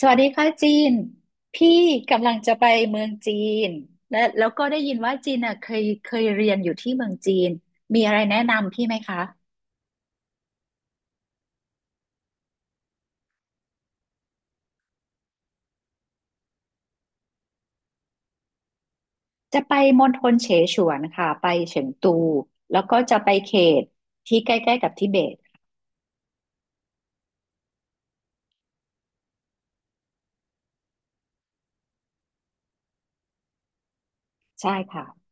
สวัสดีค่ะจีนพี่กำลังจะไปเมืองจีนและแล้วก็ได้ยินว่าจีนอ่ะเคยเรียนอยู่ที่เมืองจีนมีอะไรแนะนำพี่ไหมคะจะไปมณฑลเสฉวนค่ะไปเฉิงตูแล้วก็จะไปเขตที่ใกล้ๆกับทิเบตใช่ค่ะ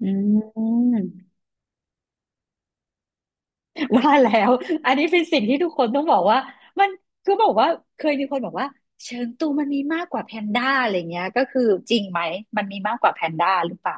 อืมว่าแล้วอันนี้เป็นสิ่งที่ทุกคนต้องบอกว่ามันคือบอกว่าเคยมีคนบอกว่าเฉิงตูมันมีมากกว่าแพนด้าอะไรเงี้ยก็คือจริงไหมมันมีมากกว่าแพนด้าหรือเปล่า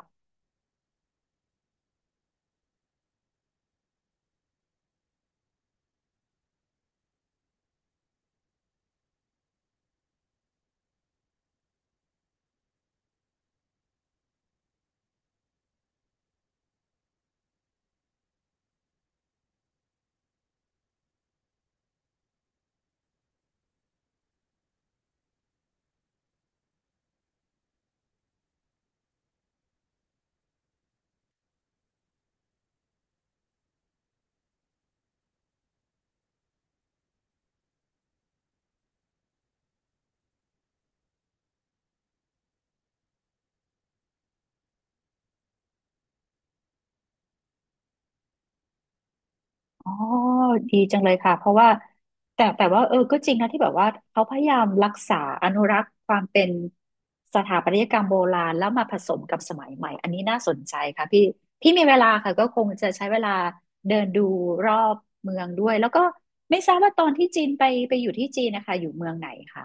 อ๋อ ดีจังเลยค่ะ เพราะว่าแต่ว่าเออก็จริงนะที่แบบว่าเขาพยายามรักษาอนุรักษ์ความเป็นสถาปัตยกรรมโบราณแล้วมาผสมกับสมัยใหม่ อันนี้น่าสนใจค่ะพี่พี่มีเวลาค่ะก็คงจะใช้เวลาเดินดูรอบเมืองด้วยแล้วก็ไม่ทราบว่าตอนที่จีนไปไปอยู่ที่จีนนะคะอยู่เมืองไหนคะ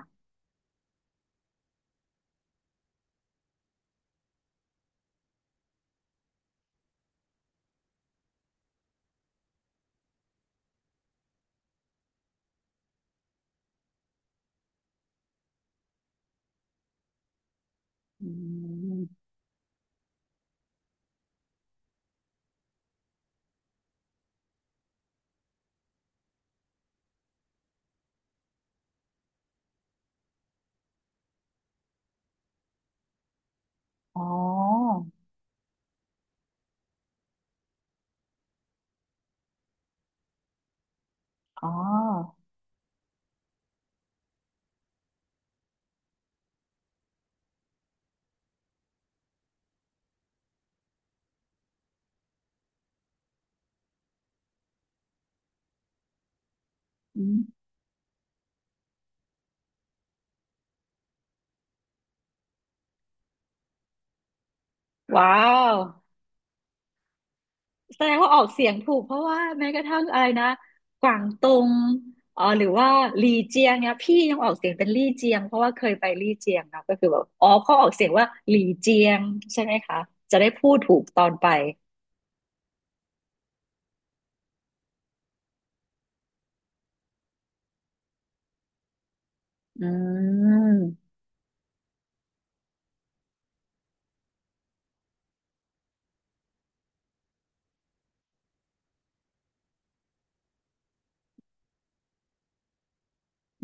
อืมอ๋อ อ๋ออืมว้าว แสดงว่าออกเสียงถูกเพราะว่าแม้กระทั่งอะไรนะกวางตงเอ๋อหรือว่าลี่เจียงเนี่ยพี่ยังออกเสียงเป็นลี่เจียงเพราะว่าเคยไปลี่เจียงเนาะก็คือแบบอ๋อเขาออกเสียงว่าหลี่เจียงใช่ไหมคะจะได้พูดถูกตอนไปอืม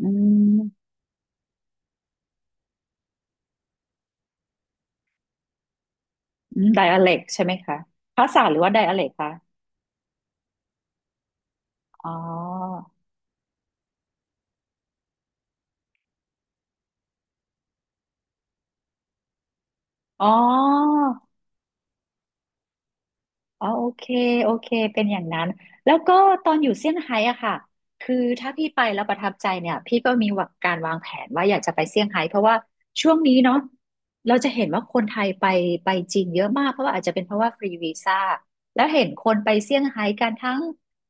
อืมอืมไดอะเล็กใช่ไหมคะภาษาหรือว่าไดอะเล็กคะอ๋ออ๋อ อ๋อโอเคโอเคเป็นอย่างนั้นแล้วก็ตอนอยู่เซี่ยงไฮ้อะค่ะคือถ้าพี่ไปแล้วประทับใจเนี่ยพี่ก็มีวางการวางแผนว่าอยากจะไปเซี่ยงไฮ้เพราะว่าช่วงนี้เนาะเราจะเห็นว่าคนไทยไปไปจีนเยอะมากเพราะว่าอาจจะเป็นเพราะว่าฟรีวีซ่าแล้วเห็นคนไปเซี่ยงไฮ้กันทั้ง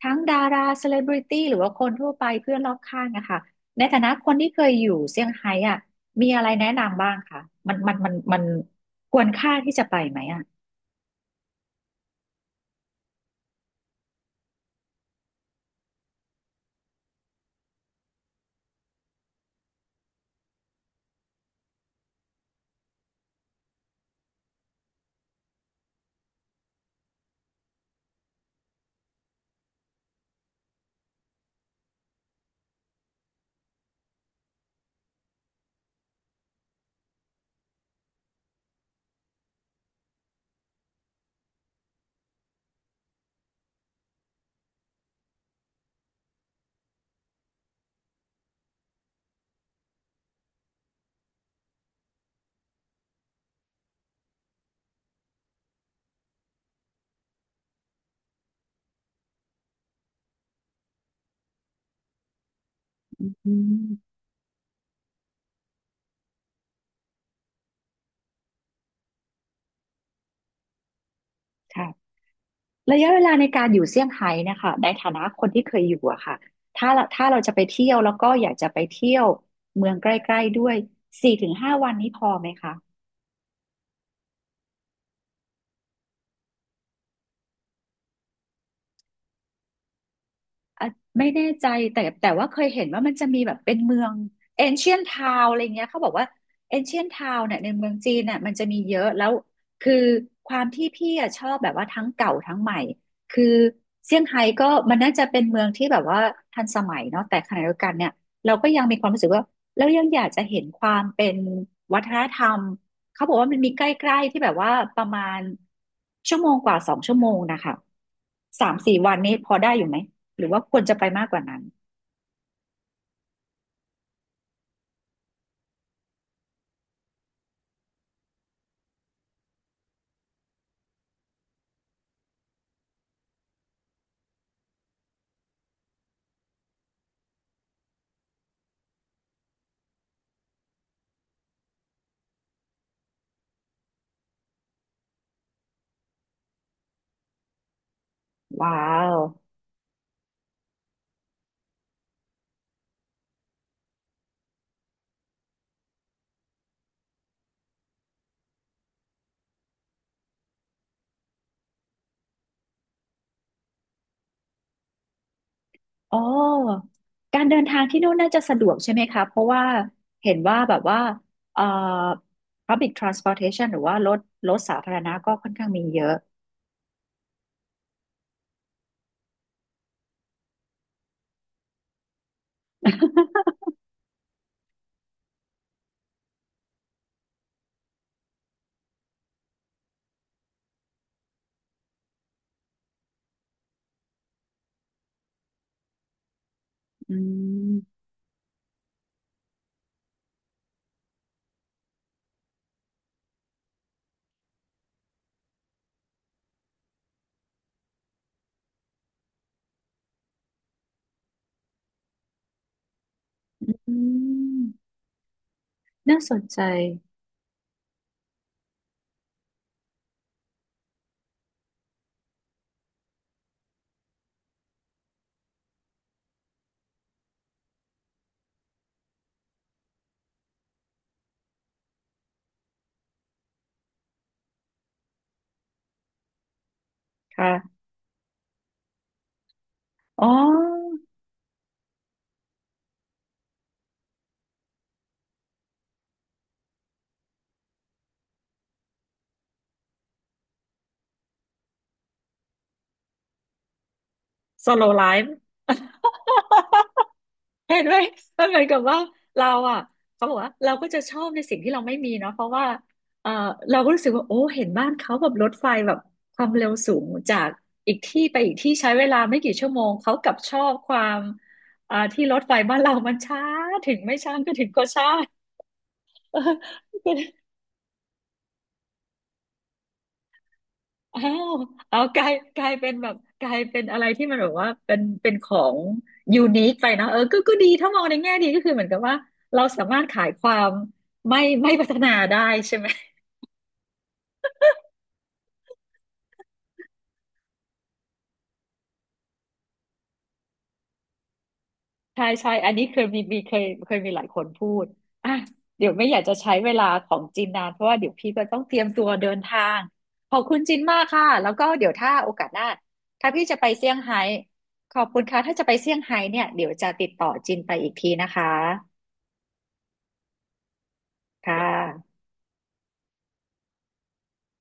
ทั้งดาราเซเลบริตี้หรือว่าคนทั่วไปเพื่อนรอบข้างอะค่ะในฐานะคนที่เคยอยู่เซี่ยงไฮ้อะมีอะไรแนะนำบ้างคะมันควรค่าที่จะไปไหมอะอืมค่ะ ระยะเวลาในการอยู่เซี่ยงไฮ้เนะคะในฐานะคนที่เคยอยู่อะค่ะถ้าเราจะไปเที่ยวแล้วก็อยากจะไปเที่ยวเมืองใกล้ๆด้วยสี่ถึงห้าวันนี้พอไหมคะ ไม่แน่ใจแต่ว่าเคยเห็นว่ามันจะมีแบบเป็นเมืองเอน i e n t นทาวอะไรเงี้ยเขาบอกว่าเอน i e n t นทาวเนี่ยในเมืองจีนเน่ยมันจะมีเยอะแล้วคือความที่พี่อะชอบแบบว่าทั้งเก่าทั้งใหม่คือเซี่ยงไฮ้ก็มันน่าจะเป็นเมืองที่แบบว่าทันสมัยเนาะแต่ขณะเดียวกันเนี่ยเราก็ยังมีความรู้สึกว่าเรายังอยากจะเห็นความเป็นวัฒนธรรมเขาบอกว่ามันมีใกล้ๆที่แบบว่าประมาณชั่วโมงกว่าสองชั่วโมงนะคะสามสี่วันนี้พอได้อยู่ไหม หรือว่าควรจะไปมากกว่านั้นว้าวอ๋อการเดินทางที่นู่นน่าจะสะดวกใช่ไหมคะเพราะว่าเห็นว่าแบบว่าเอ่อ public transportation หรือว่ารถสาธารณะก็ค่อนข้างมีเยอะ อืมอืมน่าสนใจค่ะอ๋อ solo life เห็นไหมมันเหมือนกับว่าเราอ่ะเขาบอกว่าเราก็จะชอบในสิ่งที่เราไม่มีเนาะเพราะว่าเออเราก็รู้สึกว่าโอ้เห็นบ้านเขาแบบรถไฟแบบความเร็วสูงจากอีกที่ไปอีกที่ใช้เวลาไม่กี่ชั่วโมงเขากลับชอบความอ่าที่รถไฟบ้านเรามันช้าถึงไม่ช้าก็ถึงก็ช้าเออ อ้าวเอากลายกลายเป็นแบบกลายเป็นอะไรที่มันแบบว่าเป็นของยูนิคไปเนอะเออก็ก็ดีถ้ามองในแง่ดีก็คือเหมือนกับว่าเราสามารถขายความไม่พัฒนาได้ใช่ไหมใช่ใช่อันนี้เคยมีมีเคยเคยมีหลายคนพูดอ่ะเดี๋ยวไม่อยากจะใช้เวลาของจินนานเพราะว่าเดี๋ยวพี่ก็ต้องเตรียมตัวเดินทางขอบคุณจินมากค่ะแล้วก็เดี๋ยวถ้าโอกาสหน้าถ้าพี่จะไปเซี่ยงไฮ้ขอบคุณค่ะถ้าจะไปเซี่ยงไฮ้เนี่ยเดี๋ยวจะติดต่อจินไปอีกทีนะคะค่ะ